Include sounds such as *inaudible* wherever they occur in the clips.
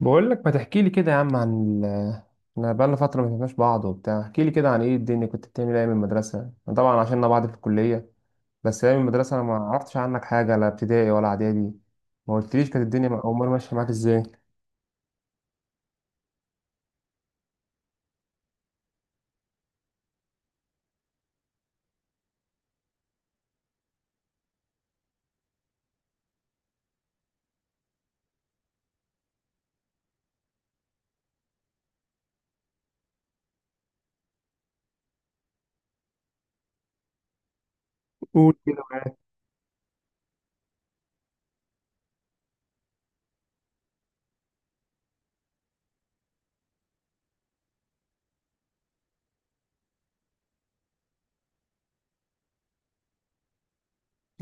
بقول لك ما تحكي لي كده يا عم عن ال... انا بقالنا فتره ما شفناش بعض وبتاع، احكي لي كده عن ايه الدنيا، كنت بتعمل ايه من المدرسه؟ أنا طبعا عشاننا بعض في الكليه، بس ايام المدرسه انا ما عرفتش عنك حاجه، لا ابتدائي ولا اعدادي. ما قلتليش كانت الدنيا امال ماشيه معاك ازاي؟ قول كده.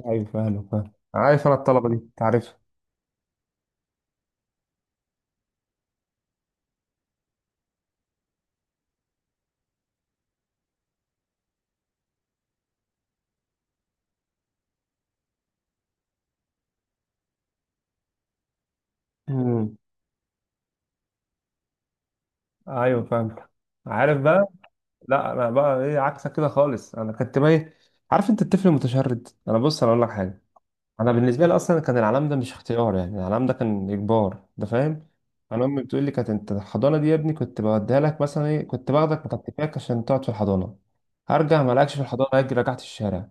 ايوه فاهم، عارف انا الطلبه دي، أنت عارفها. امم. ايوه فاهم. عارف بقى. لا انا بقى ايه؟ عكسك كده خالص. انا كنت بقى إيه؟ عارف انت الطفل المتشرد. انا بص، انا اقول لك حاجه. انا بالنسبه لي اصلا كان العلام ده مش اختيار، يعني العلام ده كان اجبار ده، فاهم. انا امي بتقول لي كانت انت الحضانه دي يا ابني كنت بوديها لك، مثلا ايه، كنت باخدك مكتفاك عشان تقعد في الحضانه، هرجع ما لقاكش في الحضانه، اجي رجعت الشارع.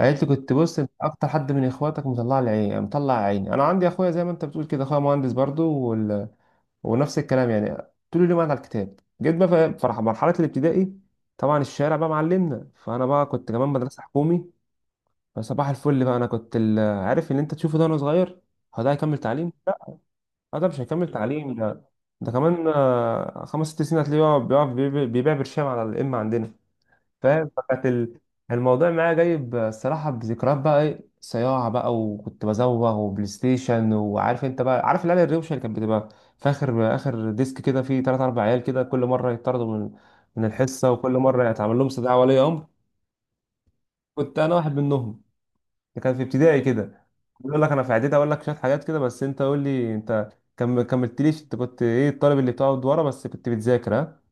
قالت لي كنت بص أنت اكتر حد من اخواتك مطلع لي عيني، مطلع عيني. انا عندي اخويا زي ما انت بتقول كده، اخويا مهندس برضو وال... ونفس الكلام يعني، طول اليوم قاعد على الكتاب. جيت بقى في مرحله الابتدائي، طبعا الشارع بقى معلمنا، فانا بقى كنت كمان مدرسه حكومي. فصباح الفل بقى، انا كنت ال- عارف اللي انت تشوفه ده وانا صغير، هو ده هيكمل تعليم؟ لا. آه، ده مش هيكمل تعليم ده. ده كمان خمس ست سنين هتلاقيه بيبيع برشام على الام عندنا. فاهم؟ فكانت الموضوع معايا جايب الصراحه بذكريات بقى، ايه صياعه بقى، وكنت بزوغ وبلاي ستيشن. وعارف انت بقى، عارف العيال الروشه اللي كانت بتبقى في اخر ديسك كده، فيه ثلاث اربع عيال كده كل مره يطردوا من من الحصه، وكل مره يتعمل لهم استدعاء ولي امر. كنت انا واحد منهم. ده كان في ابتدائي كده. بيقول لك انا في اعدادي اقول لك شويه حاجات كده، بس انت قول لي انت، كم كملتليش. انت كنت ايه؟ الطالب اللي بتقعد ورا، بس كنت بتذاكر؟ ها.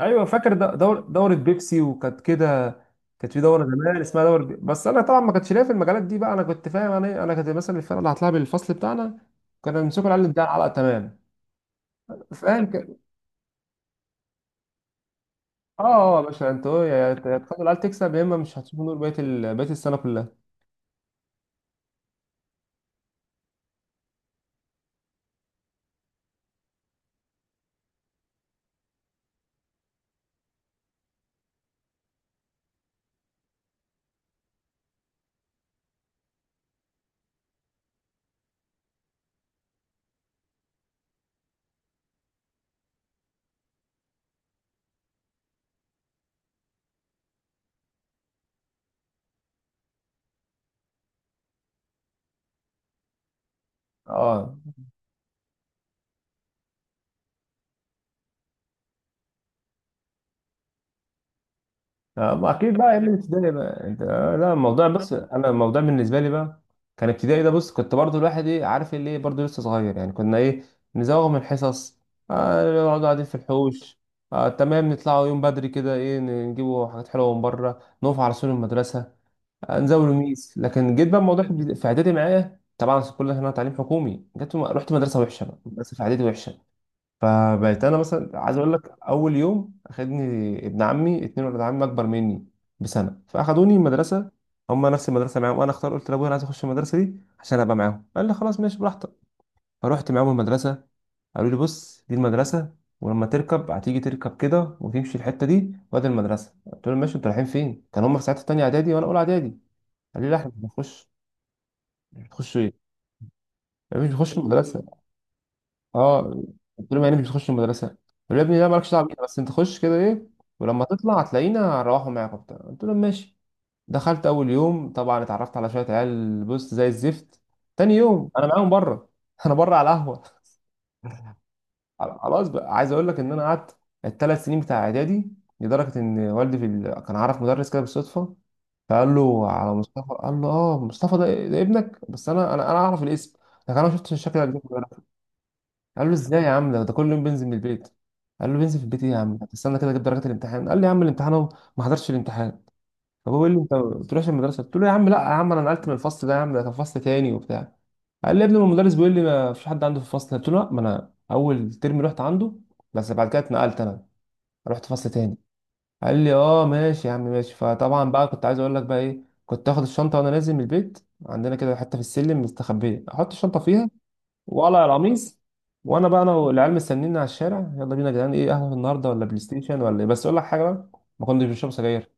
ايوه فاكر دوره بيبسي، وكانت كده. كانت في دوره زمان اسمها دوره بي... بس انا طبعا ما كانش ليا في المجالات دي بقى، انا كنت فاهم، انا إيه، انا كنت مثلا الفرقه اللي هطلع بالفصل بتاعنا، كنا بنمسكوا العيال اللي بتاع العلقه، تمام؟ فاهم كده. اه، اه يا باشا، انتوا يا تخلوا العيال تكسب، يا اما مش هتشوفوا نور بقيه بقيه السنه كلها. اه. ما اكيد بقى ايام الابتدائي بقى انت، لا الموضوع، بس انا الموضوع بالنسبه لي بقى، كان ابتدائي ده بص، كنت برضو الواحد ايه، عارف اللي ايه، برضو لسه صغير يعني، كنا ايه، نزوغ من الحصص، نقعد قاعدين في الحوش، آه تمام، نطلعوا يوم بدري كده ايه، نجيبوا حاجات حلوه من بره، نقف على سور المدرسه، آه نزاولوا ميس. لكن جيت بقى الموضوع في اعدادي معايا، طبعا كلنا هنا تعليم حكومي، رحت مدرسه وحشه بقى، مدرسه في اعدادي وحشه. فبقيت انا مثلا، عايز اقول لك، اول يوم اخدني ابن عمي، اتنين ولاد عمي اكبر مني بسنه، فاخدوني المدرسه. هم نفس المدرسه معاهم، وانا اختار قلت لابويا انا عايز اخش المدرسه دي عشان ابقى معاهم، قال لي خلاص ماشي براحتك. فروحت معاهم المدرسه، قالوا لي بص دي المدرسه، ولما تركب هتيجي تركب كده وتمشي الحته دي، وادي المدرسه. قلت لهم ماشي، انتوا رايحين فين؟ كان هم في ساعتها تانية اعدادي وانا اولى اعدادي. قالوا لي لا احنا مش بنخش. مش بتخشوا ايه؟ مش بنخش المدرسه. اه. قلت لهم يعني مش بتخش المدرسه؟ قالوا يا ابني لا، مالكش دعوه بينا، بس انت خش كده ايه، ولما تطلع هتلاقينا هنروحوا معاك وبتاع. قلت لهم ماشي. دخلت اول يوم طبعا اتعرفت على شويه عيال بص زي الزفت. تاني يوم انا معاهم بره *laughs* انا بره على القهوه. خلاص بقى، عايز اقول لك ان انا قعدت الثلاث سنين بتاع اعدادي، لدرجه ان والدي في ال... كان عارف مدرس كده بالصدفه، فقال له على مصطفى، قال له اه مصطفى ده، ده ابنك، بس انا انا اعرف الاسم لكن انا ما شفتش الشكل ده. قال له ازاي يا عم؟ ده ده كل يوم بنزل من البيت. قال له بنزل في البيت ايه يا عم؟ هتستنى كده اجيب درجات الامتحان. قال لي يا عم الامتحان اهو، ما حضرتش الامتحان. فبقول قال لي انت ما بتروحش المدرسه، قلت له يا عم لا يا عم، انا نقلت من الفصل ده يا عم، ده كان فصل تاني وبتاع. قال لي يا ابني، ما المدرس بيقول لي ما فيش حد عنده في الفصل، قلت له لا، ما انا اول ترم رحت عنده، بس بعد كده اتنقلت انا، رحت فصل تاني. قال لي اه ماشي يا عم ماشي. فطبعا بقى كنت عايز اقول لك بقى ايه، كنت اخد الشنطه وانا نازل من البيت عندنا كده حته في السلم مستخبيه، احط الشنطه فيها وقلع القميص، وانا بقى، انا والعيال مستنيني على الشارع، يلا بينا يا جدعان، ايه قهوه النهارده ولا بلاي ستيشن ولا ايه؟ بس اقول لك حاجه بقى، ما كناش بنشرب سجاير،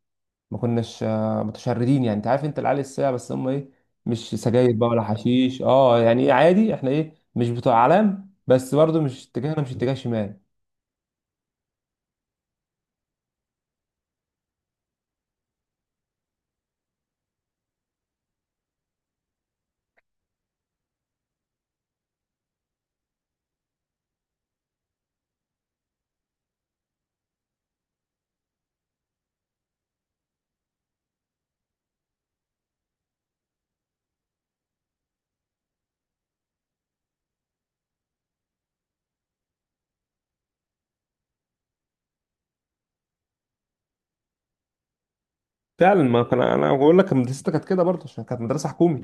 ما كناش متشردين يعني، انت عارف انت العيال الساعه بس هم ايه، مش سجاير بقى ولا حشيش، اه يعني ايه، عادي، احنا ايه مش بتوع اعلام، بس برضو مش اتجاهنا، مش اتجاه شمال. فعلا، ما كان انا بقول لك مدرستي كانت كده برضه عشان كانت مدرسه حكومي.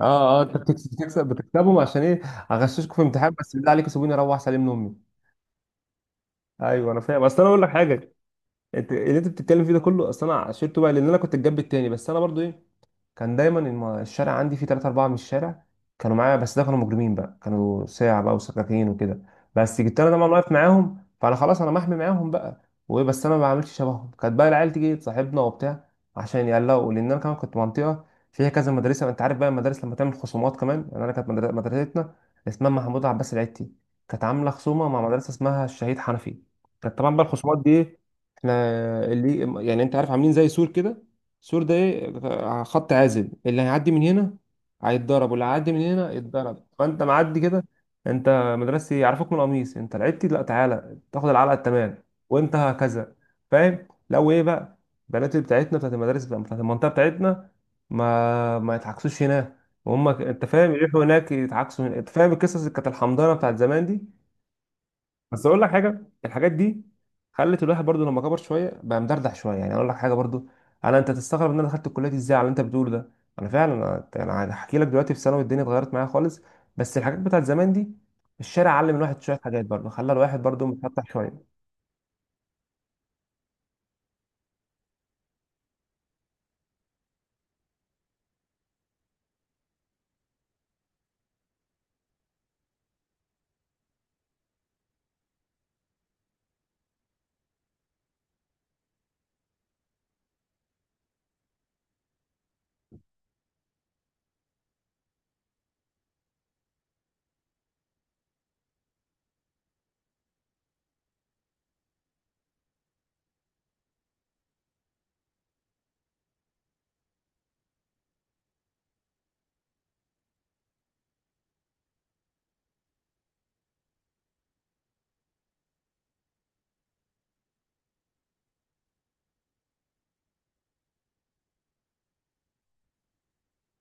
اه اه، انت بتكسب بتكسبهم عشان ايه، اغششكم في امتحان، بس بالله عليكم سيبوني اروح سلم لامي. ايوه، انا فاهم، اصل انا اقول لك حاجه، انت اللي انت بتتكلم فيه ده كله اصل انا عشرته بقى، لان انا كنت الجنب التاني، بس انا برضو ايه، كان دايما الشارع عندي فيه تلاتة أربعة من الشارع كانوا معايا، بس ده كانوا مجرمين بقى، كانوا ساعة بقى وسكاكين وكده، بس جبت أنا طبعا واقف معاهم، فأنا خلاص أنا محمي معاهم بقى. وإيه، بس أنا ما بعملش شبههم، كانت بقى العيال تيجي تصاحبنا وبتاع عشان يقلقوا، لأن أنا كمان كنت منطقة فيها كذا مدرسة. أنت عارف بقى المدارس لما تعمل خصومات كمان، يعني أنا كانت مدرستنا اسمها محمود عباس العتي، كانت عاملة خصومة مع مدرسة اسمها الشهيد حنفي. كانت طبعا بقى الخصومات دي إيه؟ احنا اللي يعني انت عارف عاملين زي سور كده، السور ده ايه، خط عازل، اللي هيعدي من هنا هيتضرب، واللي هيعدي من هنا يتضرب. فانت معدي كده، انت مدرستي، يعرفوك من القميص انت، لعبتي لا، تعالى تاخد العلقه التمام. وانت هكذا. فاهم؟ لو ايه بقى، البنات اللي بتاعتنا بتاعت المدارس بقى، بتاعت المنطقه بتاعتنا، ما يتعكسوش هناك، وهم انت فاهم يروحوا هناك يتعكسوا هنا، انت فاهم القصص اللي كانت الحمضانه بتاعت زمان دي. بس اقول لك حاجه، الحاجات دي خلت الواحد برضو لما كبر شويه بقى مدردح شويه يعني. اقول لك حاجه برضو، انا انت تستغرب ان انا دخلت الكليه دي ازاي على اللي انت بتقوله ده. انا فعلا، أنا هحكي لك دلوقتي في ثانوي الدنيا اتغيرت معايا خالص، بس الحاجات بتاعت زمان دي، الشارع علم الواحد شويه حاجات برضو، خلى الواحد برضو متفتح شويه.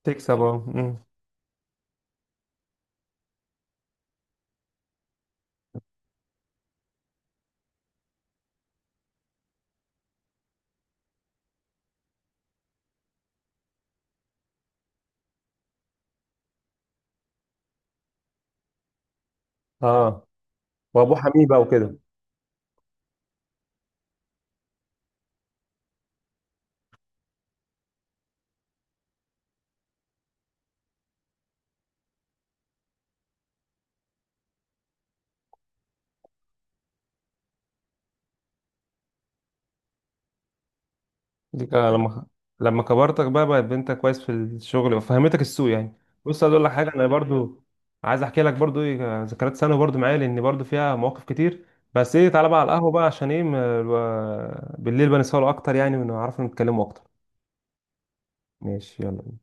تكسب اه. مم. اه، وابوه حميبه وكده. ديك- آه، لما لما كبرتك بقى، بقت بنتك كويس في الشغل، وفهمتك السوق يعني. بص عايز اقول لك حاجه، انا برضو عايز احكي لك برضو ايه ذكريات ثانوي برضو معايا، لان برضو فيها مواقف كتير. بس ايه، تعالى بقى على القهوه بقى عشان ايه بالليل بنسهروا اكتر يعني، ونعرف نتكلموا اكتر. ماشي يلا.